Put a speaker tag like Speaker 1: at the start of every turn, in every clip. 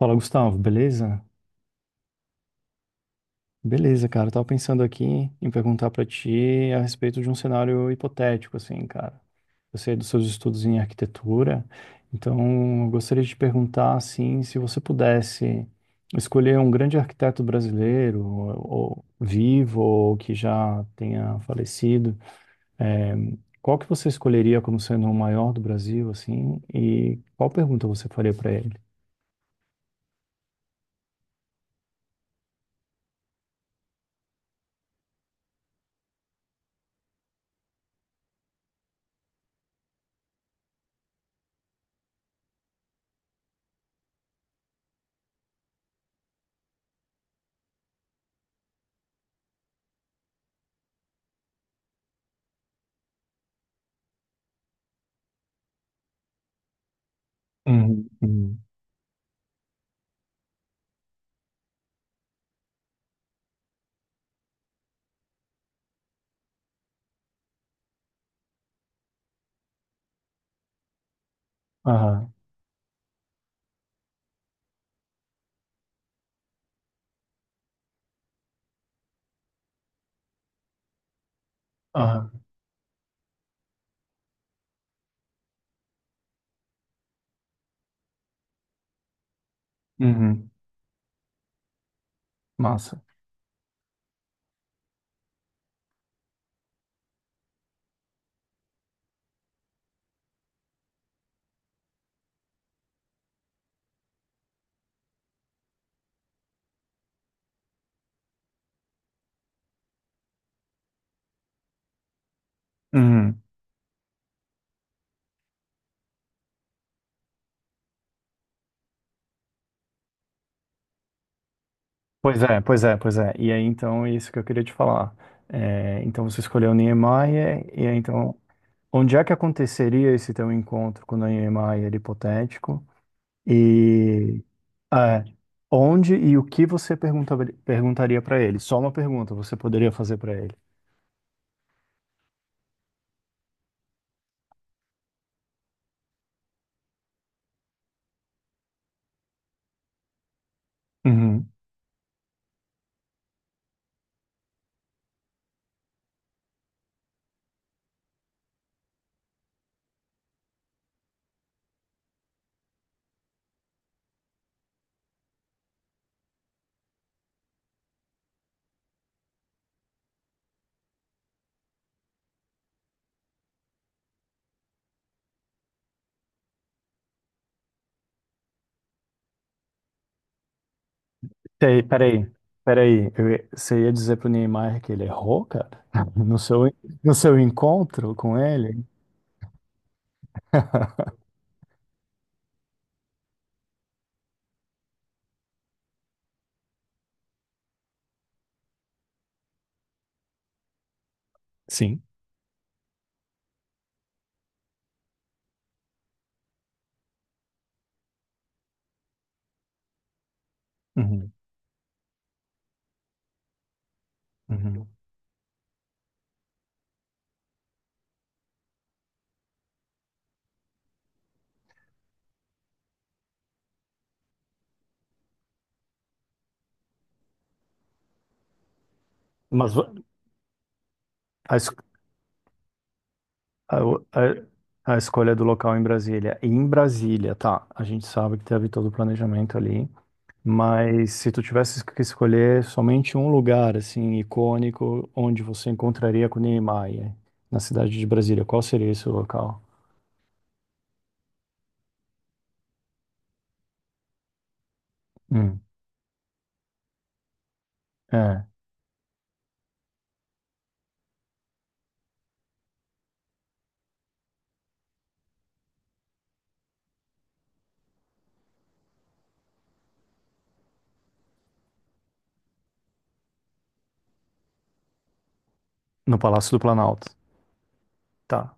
Speaker 1: Fala, Gustavo, beleza? Beleza, cara. Eu tava pensando aqui em perguntar pra ti a respeito de um cenário hipotético, assim, cara. Eu sei dos seus estudos em arquitetura, então eu gostaria de te perguntar, assim, se você pudesse escolher um grande arquiteto brasileiro, ou vivo, ou que já tenha falecido, eh, qual que você escolheria como sendo o maior do Brasil, assim, e qual pergunta você faria pra ele? Uhum, uhum. Aham, aham, uhum. Massa. Uhum. Pois é, pois é, pois é. E aí, então, é isso que eu queria te falar. É, então, você escolheu Niemeyer, e aí, então, onde é que aconteceria esse teu encontro com o Niemeyer hipotético? E é, onde e o que você pergunta, perguntaria para ele? Só uma pergunta você poderia fazer para ele. Uhum. Sei, peraí, peraí. Você ia dizer pro Niemeyer que ele errou, cara? No seu, no seu encontro com ele? Sim. Uhum, uhum. Mas, A, es- a, o- a, A escolha do local em Brasília. E em Brasília, tá, a gente sabe que teve todo o planejamento ali, mas se tu tivesse que escolher somente um lugar, assim, icônico, onde você encontraria com Niemeyer, na cidade de Brasília, qual seria esse local? Hum, é, no Palácio do Planalto. Tá,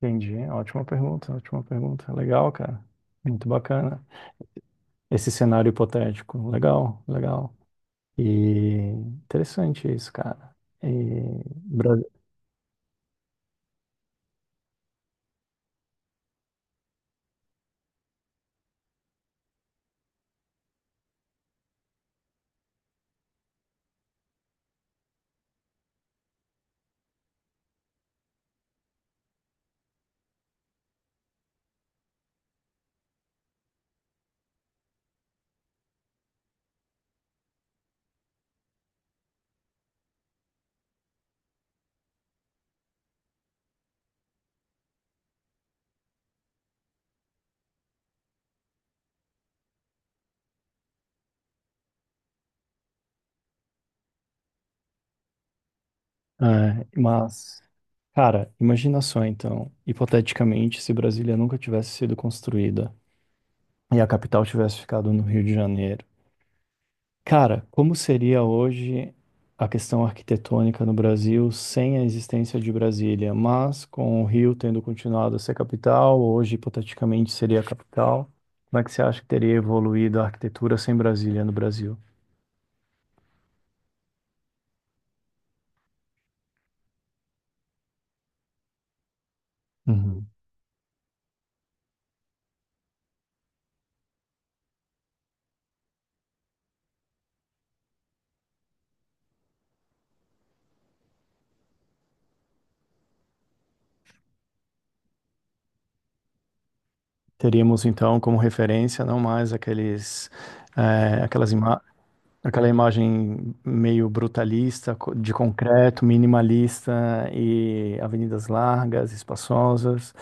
Speaker 1: entendi. Ótima pergunta, ótima pergunta. Legal, cara. Muito bacana. Esse cenário hipotético. Legal, legal. E interessante isso, cara. E, Bra- é, mas, Cara, imagina só então, hipoteticamente, se Brasília nunca tivesse sido construída e a capital tivesse ficado no Rio de Janeiro. Cara, como seria hoje a questão arquitetônica no Brasil sem a existência de Brasília, mas com o Rio tendo continuado a ser capital, hoje hipoteticamente seria a capital. Como é que você acha que teria evoluído a arquitetura sem Brasília no Brasil? Teríamos então como referência não mais aqueles, eh, aquelas ima aquela imagem meio brutalista, de concreto, minimalista e avenidas largas, espaçosas,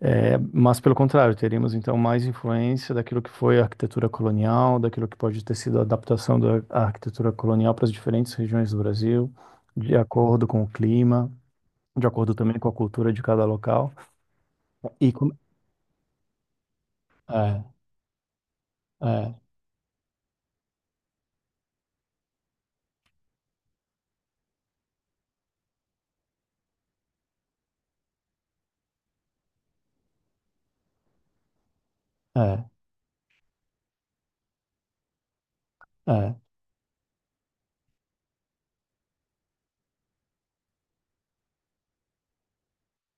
Speaker 1: mas pelo contrário, teríamos então mais influência daquilo que foi a arquitetura colonial, daquilo que pode ter sido a adaptação da arquitetura colonial para as diferentes regiões do Brasil, de acordo com o clima, de acordo também com a cultura de cada local. E com... É, é, é, é.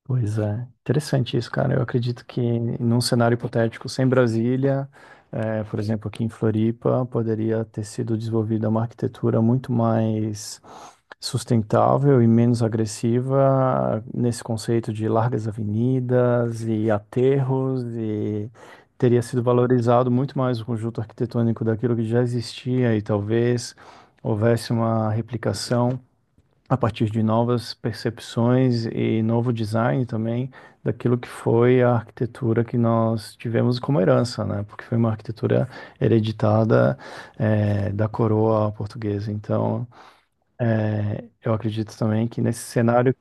Speaker 1: Pois é, interessante isso, cara. Eu acredito que num cenário hipotético sem Brasília, por exemplo, aqui em Floripa, poderia ter sido desenvolvida uma arquitetura muito mais sustentável e menos agressiva nesse conceito de largas avenidas e aterros e teria sido valorizado muito mais o conjunto arquitetônico daquilo que já existia e talvez houvesse uma replicação a partir de novas percepções e novo design também daquilo que foi a arquitetura que nós tivemos como herança, né? Porque foi uma arquitetura hereditada, da coroa portuguesa. Então, eu acredito também que nesse cenário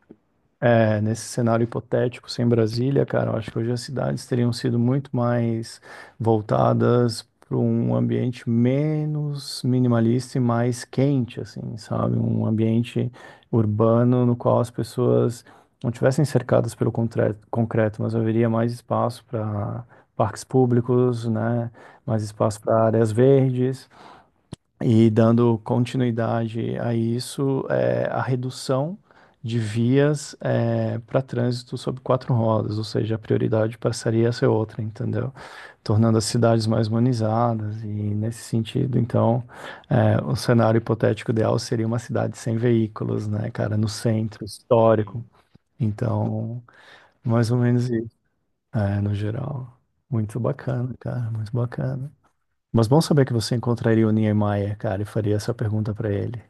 Speaker 1: nesse cenário hipotético, sem Brasília, cara, eu acho que hoje as cidades teriam sido muito mais voltadas para um ambiente menos minimalista e mais quente, assim, sabe? Um ambiente urbano no qual as pessoas não tivessem cercadas pelo concreto, mas haveria mais espaço para parques públicos, né? Mais espaço para áreas verdes. E dando continuidade a isso, é, a redução de vias é, para trânsito sobre quatro rodas, ou seja, a prioridade passaria a ser outra, entendeu? Tornando as cidades mais humanizadas, e nesse sentido, então, é, o cenário hipotético ideal seria uma cidade sem veículos, né, cara, no centro histórico. Então, mais ou menos isso, é, no geral. Muito bacana, cara, muito bacana. Mas bom saber que você encontraria o Niemeyer, cara, e faria essa pergunta pra ele.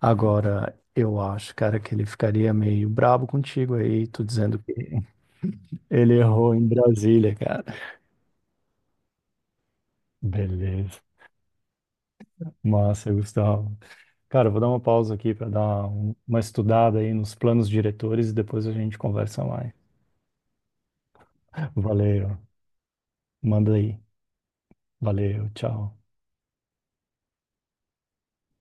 Speaker 1: Agora, eu acho, cara, que ele ficaria meio brabo contigo aí, tu dizendo que ele errou em Brasília, cara. Beleza. Massa, Gustavo. Cara, eu vou dar uma pausa aqui pra dar uma estudada aí nos planos diretores e depois a gente conversa mais. Valeu. Manda aí. Valeu, tchau.